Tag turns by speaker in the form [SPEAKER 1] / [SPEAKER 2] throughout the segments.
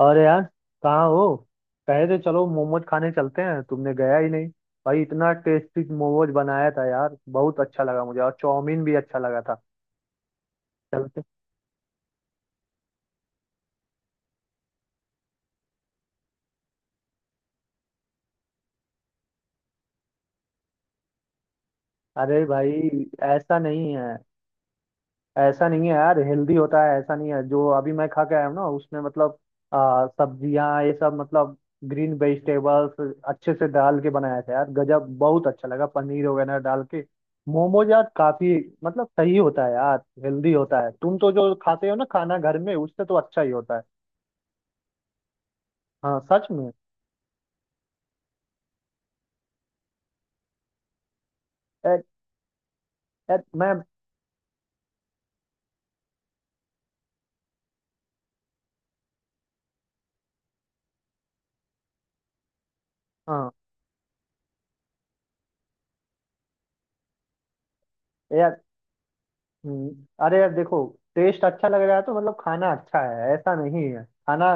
[SPEAKER 1] अरे यार, कहाँ हो। कहे थे चलो मोमोज खाने चलते हैं, तुमने गया ही नहीं। भाई इतना टेस्टी मोमोज बनाया था यार, बहुत अच्छा लगा मुझे। और चाउमीन भी अच्छा लगा था। चलते। अरे भाई, ऐसा नहीं है। ऐसा नहीं है यार, हेल्दी होता है। ऐसा नहीं है, जो अभी मैं खा के आया हूँ ना उसमें मतलब सब्जियां, ये सब, मतलब ग्रीन वेजिटेबल्स अच्छे से डाल के बनाया था यार। गजब, बहुत अच्छा लगा, पनीर वगैरह डाल के। मोमोज यार, काफी मतलब सही होता है यार। हेल्दी होता है। तुम तो जो खाते हो ना खाना घर में, उससे तो अच्छा ही होता है। हाँ, सच में। ए, ए, मैं। हाँ। यार। अरे यार, देखो। टेस्ट अच्छा लग रहा है तो मतलब खाना अच्छा है, ऐसा नहीं है खाना।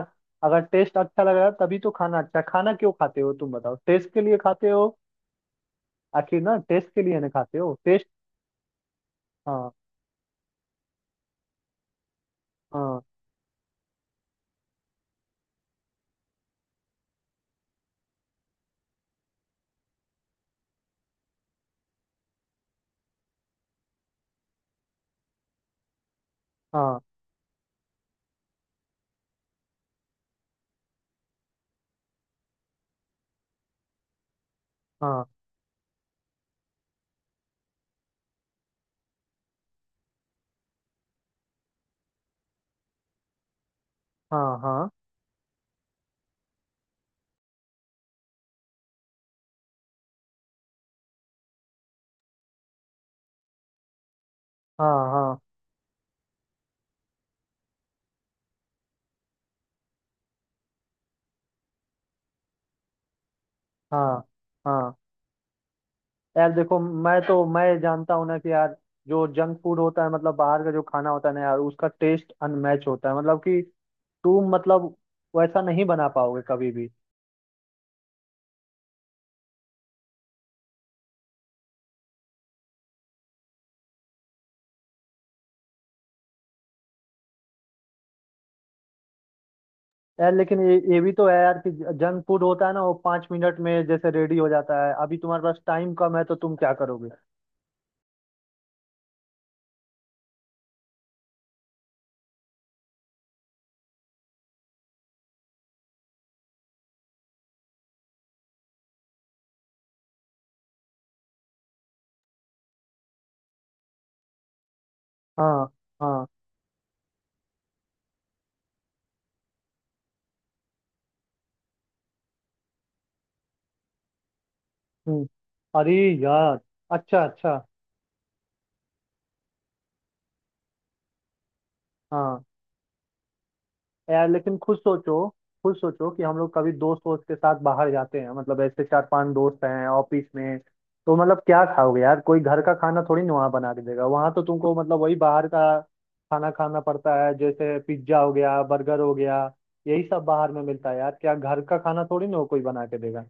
[SPEAKER 1] अगर टेस्ट अच्छा लग रहा है तभी तो खाना अच्छा है। खाना क्यों खाते हो तुम बताओ? टेस्ट के लिए खाते हो। आखिर ना टेस्ट के लिए ना खाते हो टेस्ट। हाँ, हाँ, हाँ, हाँ, हाँ, हाँ, हाँ, हाँ, हाँ, हाँ। यार देखो, मैं जानता हूँ ना कि यार, जो जंक फूड होता है मतलब बाहर का जो खाना होता है ना यार, उसका टेस्ट अनमैच होता है, मतलब कि तुम मतलब वैसा नहीं बना पाओगे कभी भी। यार लेकिन ये भी तो है यार कि जंक फूड होता है ना, वो पाँच मिनट में जैसे रेडी हो जाता है। अभी तुम्हारे पास टाइम कम है तो तुम क्या करोगे? हाँ, हाँ। हम्म। अरे यार। अच्छा, अच्छा। हाँ। यार लेकिन खुद सोचो, खुद सोचो कि हम लोग कभी दोस्त वोस्त के साथ बाहर जाते हैं, मतलब ऐसे चार पांच दोस्त हैं ऑफिस में, तो मतलब क्या खाओगे यार? कोई घर का खाना थोड़ी ना वहां बना के देगा, वहां तो तुमको मतलब वही बाहर का खाना खाना पड़ता है, जैसे पिज्जा हो गया, बर्गर हो गया। यही सब बाहर में मिलता है यार, क्या घर का खाना थोड़ी ना वो कोई बना के देगा?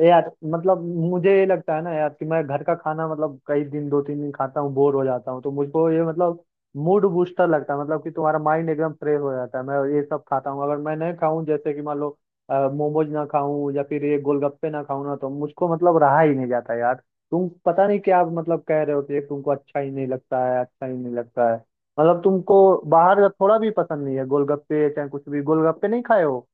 [SPEAKER 1] यार मतलब मुझे ये लगता है ना यार कि मैं घर का खाना मतलब कई दिन, दो तीन दिन खाता हूँ बोर हो जाता हूँ, तो मुझको ये मतलब मूड बूस्टर लगता है, मतलब कि तुम्हारा माइंड एकदम फ्रेश हो जाता है। मैं ये सब खाता हूँ। अगर मैं नहीं खाऊं, जैसे कि मान लो मोमोज ना खाऊं या फिर ये गोलगप्पे ना खाऊं ना, तो मुझको मतलब रहा ही नहीं जाता यार। तुम पता नहीं क्या मतलब कह रहे हो कि ये तुमको अच्छा ही नहीं लगता है, अच्छा ही नहीं लगता है, मतलब तुमको बाहर का थोड़ा भी पसंद नहीं है। गोलगप्पे चाहे कुछ भी, गोलगप्पे नहीं खाए हो।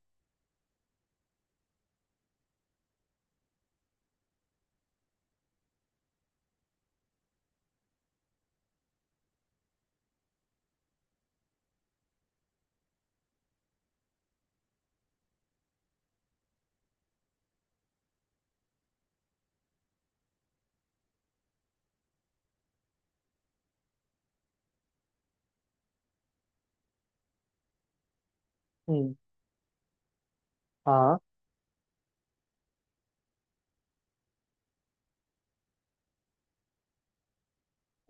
[SPEAKER 1] हम्म। हाँ।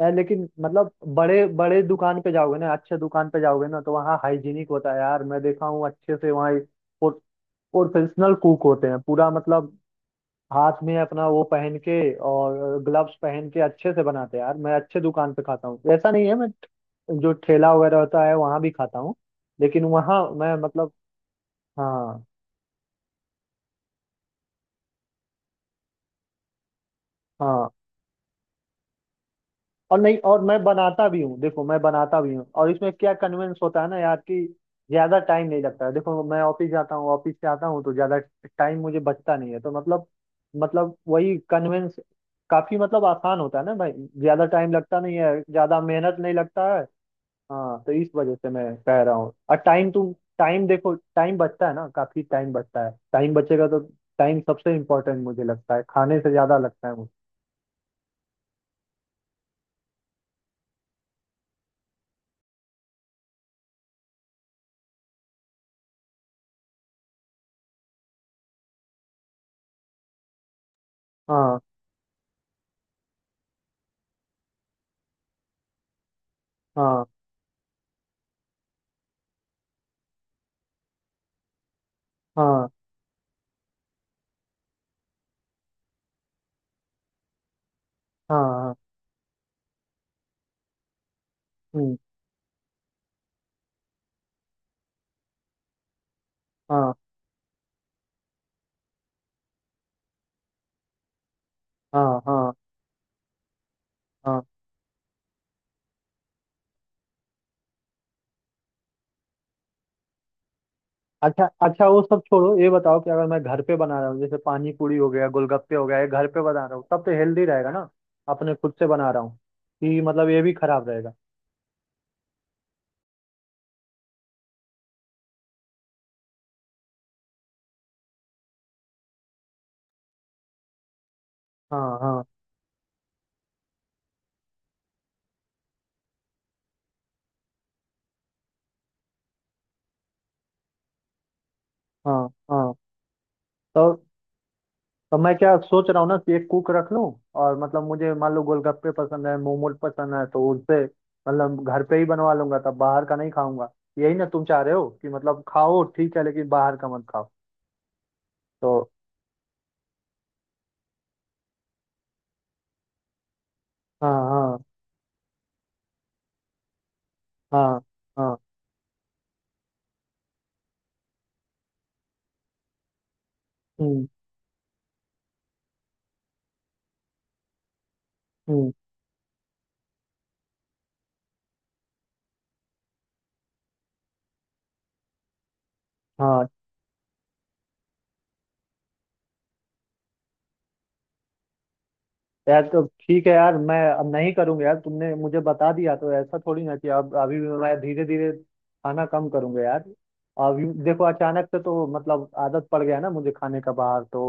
[SPEAKER 1] यार लेकिन मतलब बड़े बड़े दुकान पे जाओगे ना, अच्छे दुकान पे जाओगे ना, तो वहाँ हाइजीनिक होता है यार, मैं देखा हूँ अच्छे से। वहाँ प्रोफेशनल कुक होते हैं, पूरा मतलब हाथ में अपना वो पहन के और ग्लव्स पहन के अच्छे से बनाते हैं यार। मैं अच्छे दुकान पे खाता हूँ, ऐसा नहीं है। मैं जो ठेला वगैरह होता है वहाँ भी खाता हूँ, लेकिन वहाँ मैं मतलब। हाँ, हाँ। और नहीं, और मैं बनाता भी हूँ, देखो, मैं बनाता भी हूँ। और इसमें क्या कन्वेंस होता है ना यार कि ज्यादा टाइम नहीं लगता है। देखो, मैं ऑफिस जाता हूँ, ऑफिस से आता हूँ, तो ज्यादा टाइम मुझे बचता नहीं है, तो मतलब मतलब वही कन्वेंस, काफी मतलब आसान होता है ना भाई। ज्यादा टाइम लगता नहीं है, ज्यादा मेहनत नहीं लगता है। हाँ, तो इस वजह से मैं कह रहा हूँ। और टाइम, तुम टाइम देखो, टाइम बचता है ना, काफी टाइम बचता है। टाइम बचेगा तो टाइम सबसे इम्पोर्टेंट मुझे लगता है, खाने से ज्यादा लगता है मुझे। हाँ, हाँ, हाँ, हाँ, हाँ, हम्म। हाँ, हाँ, हाँ, हाँ। अच्छा, अच्छा, वो सब छोड़ो, ये बताओ कि अगर मैं घर पे बना रहा हूँ, जैसे पानी पूरी हो गया, गोलगप्पे हो गया, ये घर पे बना रहा हूँ, तब तो हेल्दी रहेगा ना? अपने खुद से बना रहा हूँ, कि मतलब ये भी खराब रहेगा? हाँ, हाँ, हाँ, हाँ। तो तो मैं क्या सोच रहा हूँ ना कि एक कुक रख लूँ, और मतलब मुझे मान लो गोलगप्पे पसंद है, मोमोज पसंद है, तो उनसे मतलब घर पे ही बनवा लूंगा, तब बाहर का नहीं खाऊंगा। यही ना तुम चाह रहे हो कि मतलब खाओ ठीक है लेकिन बाहर का मत खाओ। तो हाँ, हाँ, हाँ, हाँ। हम्म। हम्म। हाँ। यार तो ठीक है यार, मैं अब नहीं करूंगा यार, तुमने मुझे बता दिया तो ऐसा थोड़ी ना कि अब अभी भी। मैं धीरे धीरे खाना कम करूंगा यार। अब देखो, अचानक से तो मतलब आदत पड़ गया ना मुझे खाने का बाहर, तो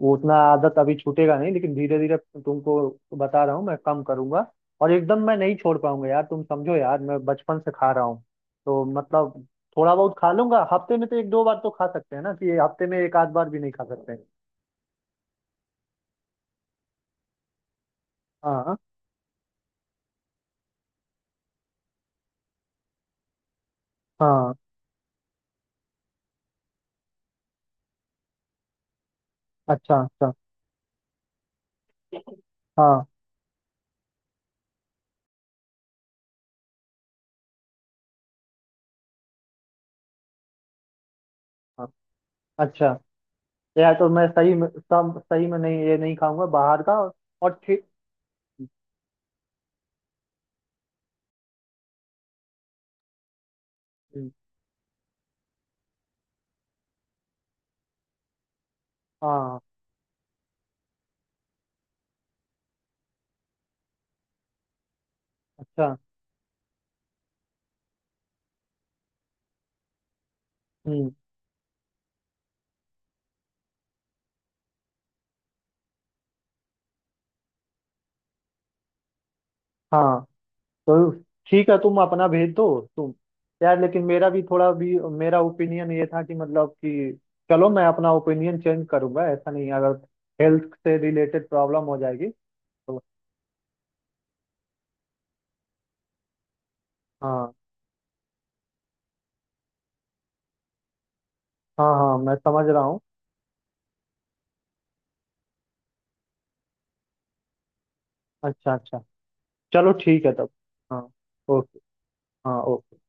[SPEAKER 1] वो उतना आदत अभी छूटेगा नहीं, लेकिन धीरे धीरे तुमको बता रहा हूँ, मैं कम करूंगा। और एकदम मैं नहीं छोड़ पाऊंगा यार, तुम समझो यार, मैं बचपन से खा रहा हूँ, तो मतलब थोड़ा बहुत खा लूंगा हफ्ते में तो। एक दो बार तो खा सकते हैं ना? कि हफ्ते में एक आध बार भी नहीं खा सकते? हाँ, हाँ। अच्छा, अच्छा। हाँ, हाँ, अच्छा। यार, तो मैं सही में, सब सही में नहीं, ये नहीं खाऊंगा बाहर का। और, ठीक। हम्म, हाँ। अच्छा। हम्म। हाँ, तो ठीक है, तुम अपना भेज दो। तुम। यार लेकिन मेरा भी, थोड़ा भी मेरा ओपिनियन ये था कि मतलब कि चलो, मैं अपना ओपिनियन चेंज करूंगा, ऐसा नहीं है, अगर हेल्थ से रिलेटेड प्रॉब्लम हो जाएगी। तो हाँ, हाँ, हाँ मैं समझ रहा हूँ। अच्छा, अच्छा। चलो ठीक है तब। हाँ, ओके। हाँ, ओके।